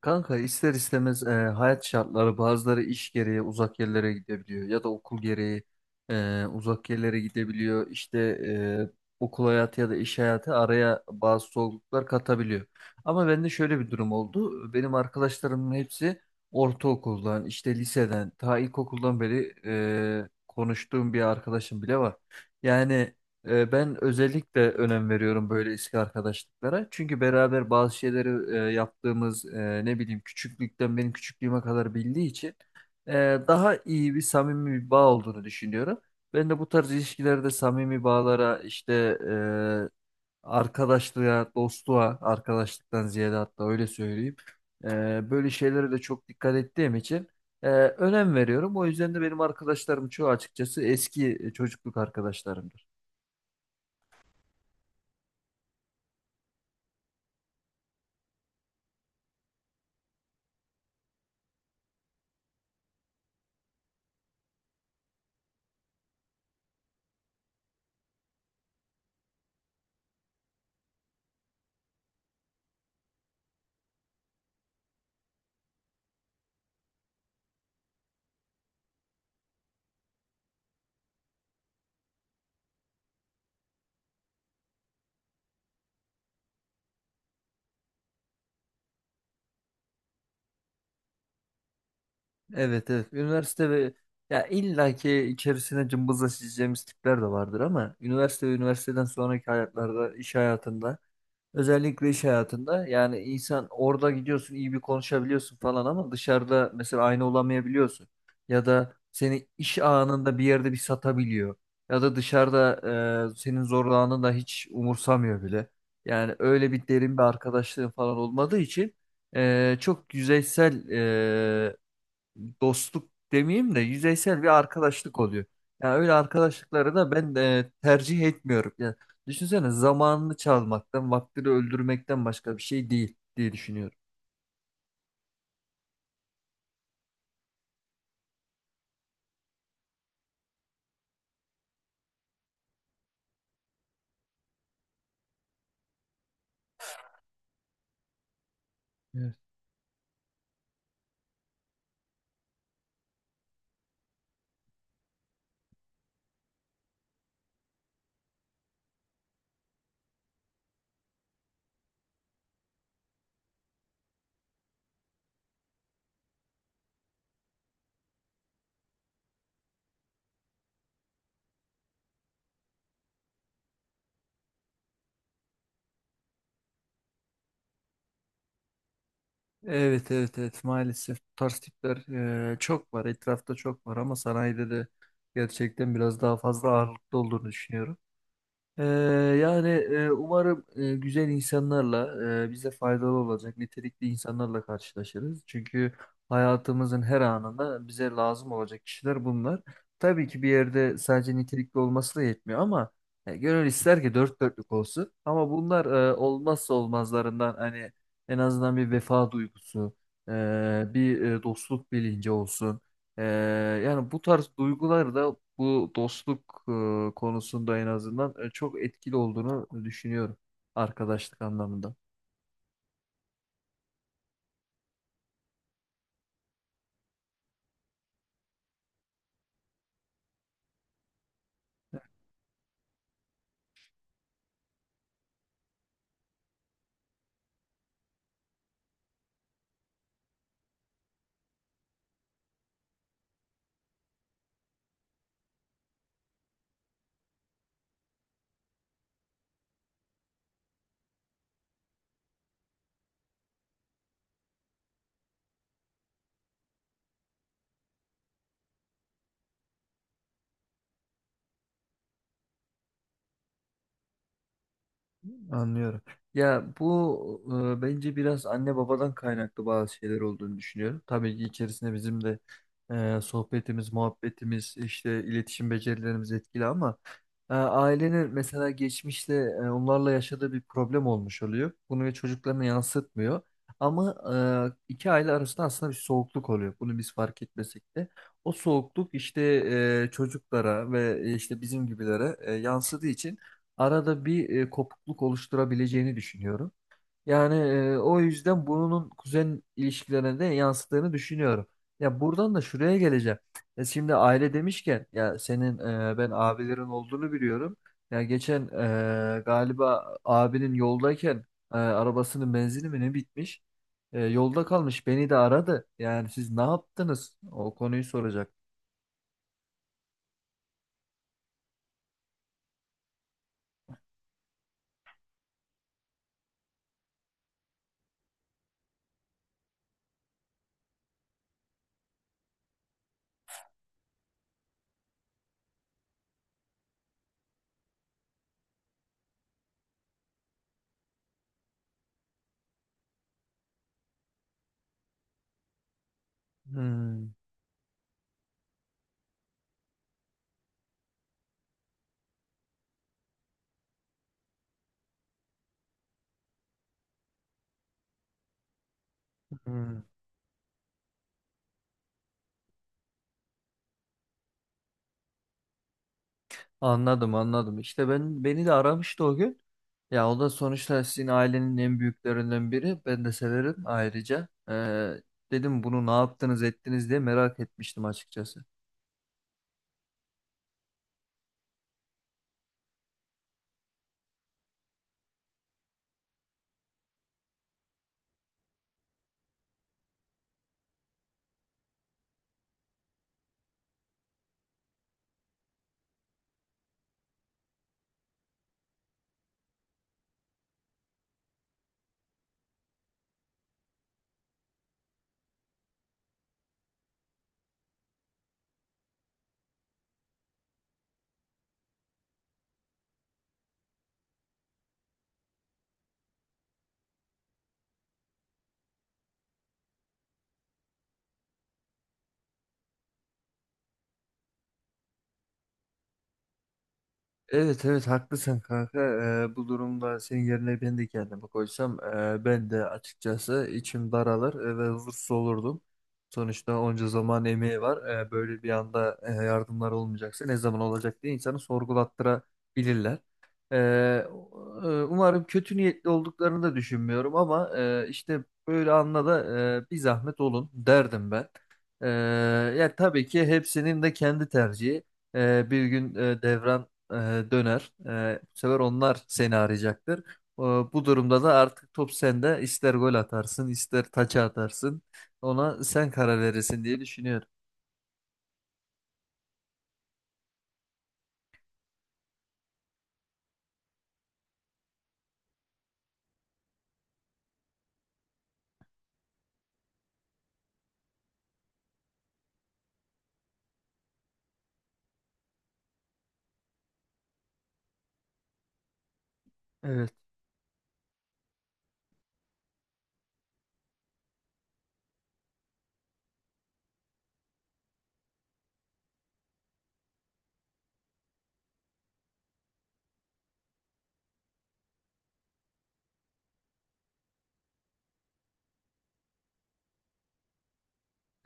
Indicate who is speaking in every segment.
Speaker 1: Kanka ister istemez hayat şartları bazıları iş gereği uzak yerlere gidebiliyor ya da okul gereği uzak yerlere gidebiliyor. İşte okul hayatı ya da iş hayatı araya bazı zorluklar katabiliyor. Ama bende şöyle bir durum oldu. Benim arkadaşlarımın hepsi ortaokuldan, işte liseden, ta ilkokuldan beri konuştuğum bir arkadaşım bile var. Yani Ben özellikle önem veriyorum böyle eski arkadaşlıklara. Çünkü beraber bazı şeyleri yaptığımız, ne bileyim küçüklükten benim küçüklüğüme kadar bildiği için e, daha iyi bir samimi bir bağ olduğunu düşünüyorum. Ben de bu tarz ilişkilerde samimi bağlara işte, arkadaşlığa, dostluğa, arkadaşlıktan ziyade hatta öyle söyleyeyim. Böyle şeylere de çok dikkat ettiğim için önem veriyorum. O yüzden de benim arkadaşlarım çoğu açıkçası eski çocukluk arkadaşlarımdır. Evet, evet. Üniversite ve ya illaki içerisine cımbızla çizeceğimiz tipler de vardır, ama üniversite ve üniversiteden sonraki hayatlarda, iş hayatında, özellikle iş hayatında yani insan orada gidiyorsun, iyi bir konuşabiliyorsun falan, ama dışarıda mesela aynı olamayabiliyorsun. Ya da seni iş anında bir yerde bir satabiliyor. Ya da dışarıda senin zorlananı da hiç umursamıyor bile. Yani öyle bir derin bir arkadaşlığın falan olmadığı için çok yüzeysel dostluk demeyeyim de yüzeysel bir arkadaşlık oluyor. Yani öyle arkadaşlıkları da ben tercih etmiyorum. Yani düşünsene, zamanını çalmaktan, vaktini öldürmekten başka bir şey değil diye düşünüyorum. Evet. Evet, evet, evet, maalesef bu tarz tipler çok var etrafta, çok var, ama sanayide de gerçekten biraz daha fazla ağırlıklı olduğunu düşünüyorum. Ee, yani, umarım güzel insanlarla, bize faydalı olacak nitelikli insanlarla karşılaşırız. Çünkü hayatımızın her anında bize lazım olacak kişiler bunlar. Tabii ki bir yerde sadece nitelikli olması da yetmiyor, ama gönül ister ki dört dörtlük olsun. Ama bunlar olmazsa olmazlarından, hani en azından bir vefa duygusu, e, bir dostluk bilinci olsun. Ee, yani bu tarz duygular da bu dostluk konusunda en azından çok etkili olduğunu düşünüyorum arkadaşlık anlamında. Anlıyorum. Ya bu, bence biraz anne babadan kaynaklı bazı şeyler olduğunu düşünüyorum. Tabii ki içerisinde bizim de sohbetimiz, muhabbetimiz, işte iletişim becerilerimiz etkili, ama ailenin mesela geçmişte onlarla yaşadığı bir problem olmuş oluyor. Bunu çocuklarına yansıtmıyor. Ama iki aile arasında aslında bir soğukluk oluyor. Bunu biz fark etmesek de. O soğukluk işte çocuklara ve işte bizim gibilere yansıdığı için arada bir kopukluk oluşturabileceğini düşünüyorum. Yani o yüzden bunun kuzen ilişkilerine de yansıttığını düşünüyorum. Ya buradan da şuraya geleceğim. Ya şimdi aile demişken, ya senin, ben abilerin olduğunu biliyorum. Ya geçen galiba abinin yoldayken arabasının benzini mi ne bitmiş? Yolda kalmış, beni de aradı. Yani siz ne yaptınız? O konuyu soracak. Hmm, hmm. Anladım, anladım. İşte ben, beni de aramıştı o gün. Ya o da sonuçta sizin ailenin en büyüklerinden biri. Ben de severim ayrıca. Dedim bunu ne yaptınız ettiniz diye merak etmiştim açıkçası. Evet, evet, haklısın kanka. Bu durumda senin yerine ben de kendimi koysam, ben de açıkçası içim daralır ve huzursuz olurdum. Sonuçta onca zaman emeği var. E, böyle bir anda yardımlar olmayacaksa ne zaman olacak diye insanı sorgulattırabilirler. E, umarım kötü niyetli olduklarını da düşünmüyorum, ama işte böyle anla da bir zahmet olun derdim ben. E, ya tabii ki hepsinin de kendi tercihi. Bir gün devran e, döner. E, bu sefer onlar seni arayacaktır. E, bu durumda da artık top sende. İster gol atarsın, ister taça atarsın. Ona sen karar verirsin diye düşünüyorum. Evet.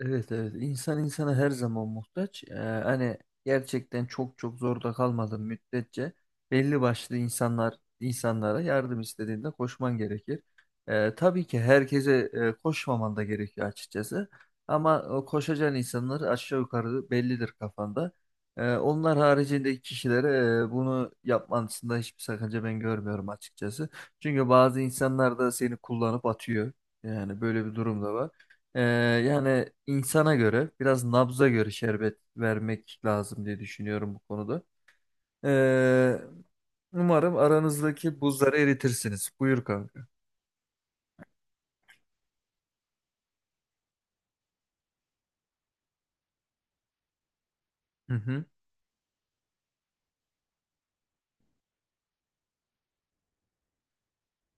Speaker 1: Evet, evet, insan insana her zaman muhtaç. Hani gerçekten çok çok zorda kalmadığın müddetçe belli başlı insanlar insanlara yardım istediğinde koşman gerekir. Tabii ki herkese koşmaman da gerekiyor açıkçası. Ama o koşacağın insanlar aşağı yukarı bellidir kafanda. Onlar haricindeki kişilere bunu yapmasında hiçbir sakınca ben görmüyorum açıkçası. Çünkü bazı insanlar da seni kullanıp atıyor. Yani böyle bir durum da var. Ee, yani insana göre biraz nabza göre şerbet vermek lazım diye düşünüyorum bu konuda. Ee, umarım aranızdaki buzları eritirsiniz. Buyur kanka. Hı hı.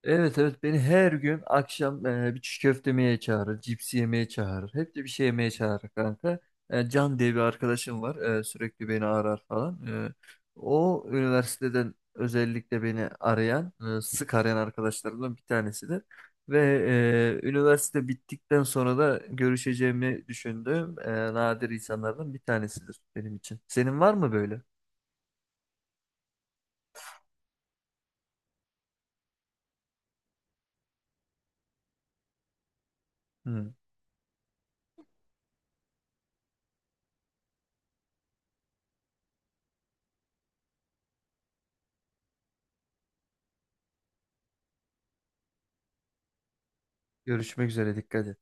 Speaker 1: Evet, evet, beni her gün akşam bir çiğ köfte yemeye çağırır, cips yemeye çağırır. Hep de bir şey yemeye çağırır kanka. E, Can diye bir arkadaşım var. Sürekli beni arar falan. E, o üniversiteden özellikle beni arayan, sık arayan arkadaşlarımdan bir tanesidir. Ve üniversite bittikten sonra da görüşeceğimi düşündüğüm nadir insanlardan bir tanesidir benim için. Senin var mı böyle? Hı. Görüşmek üzere, dikkat et.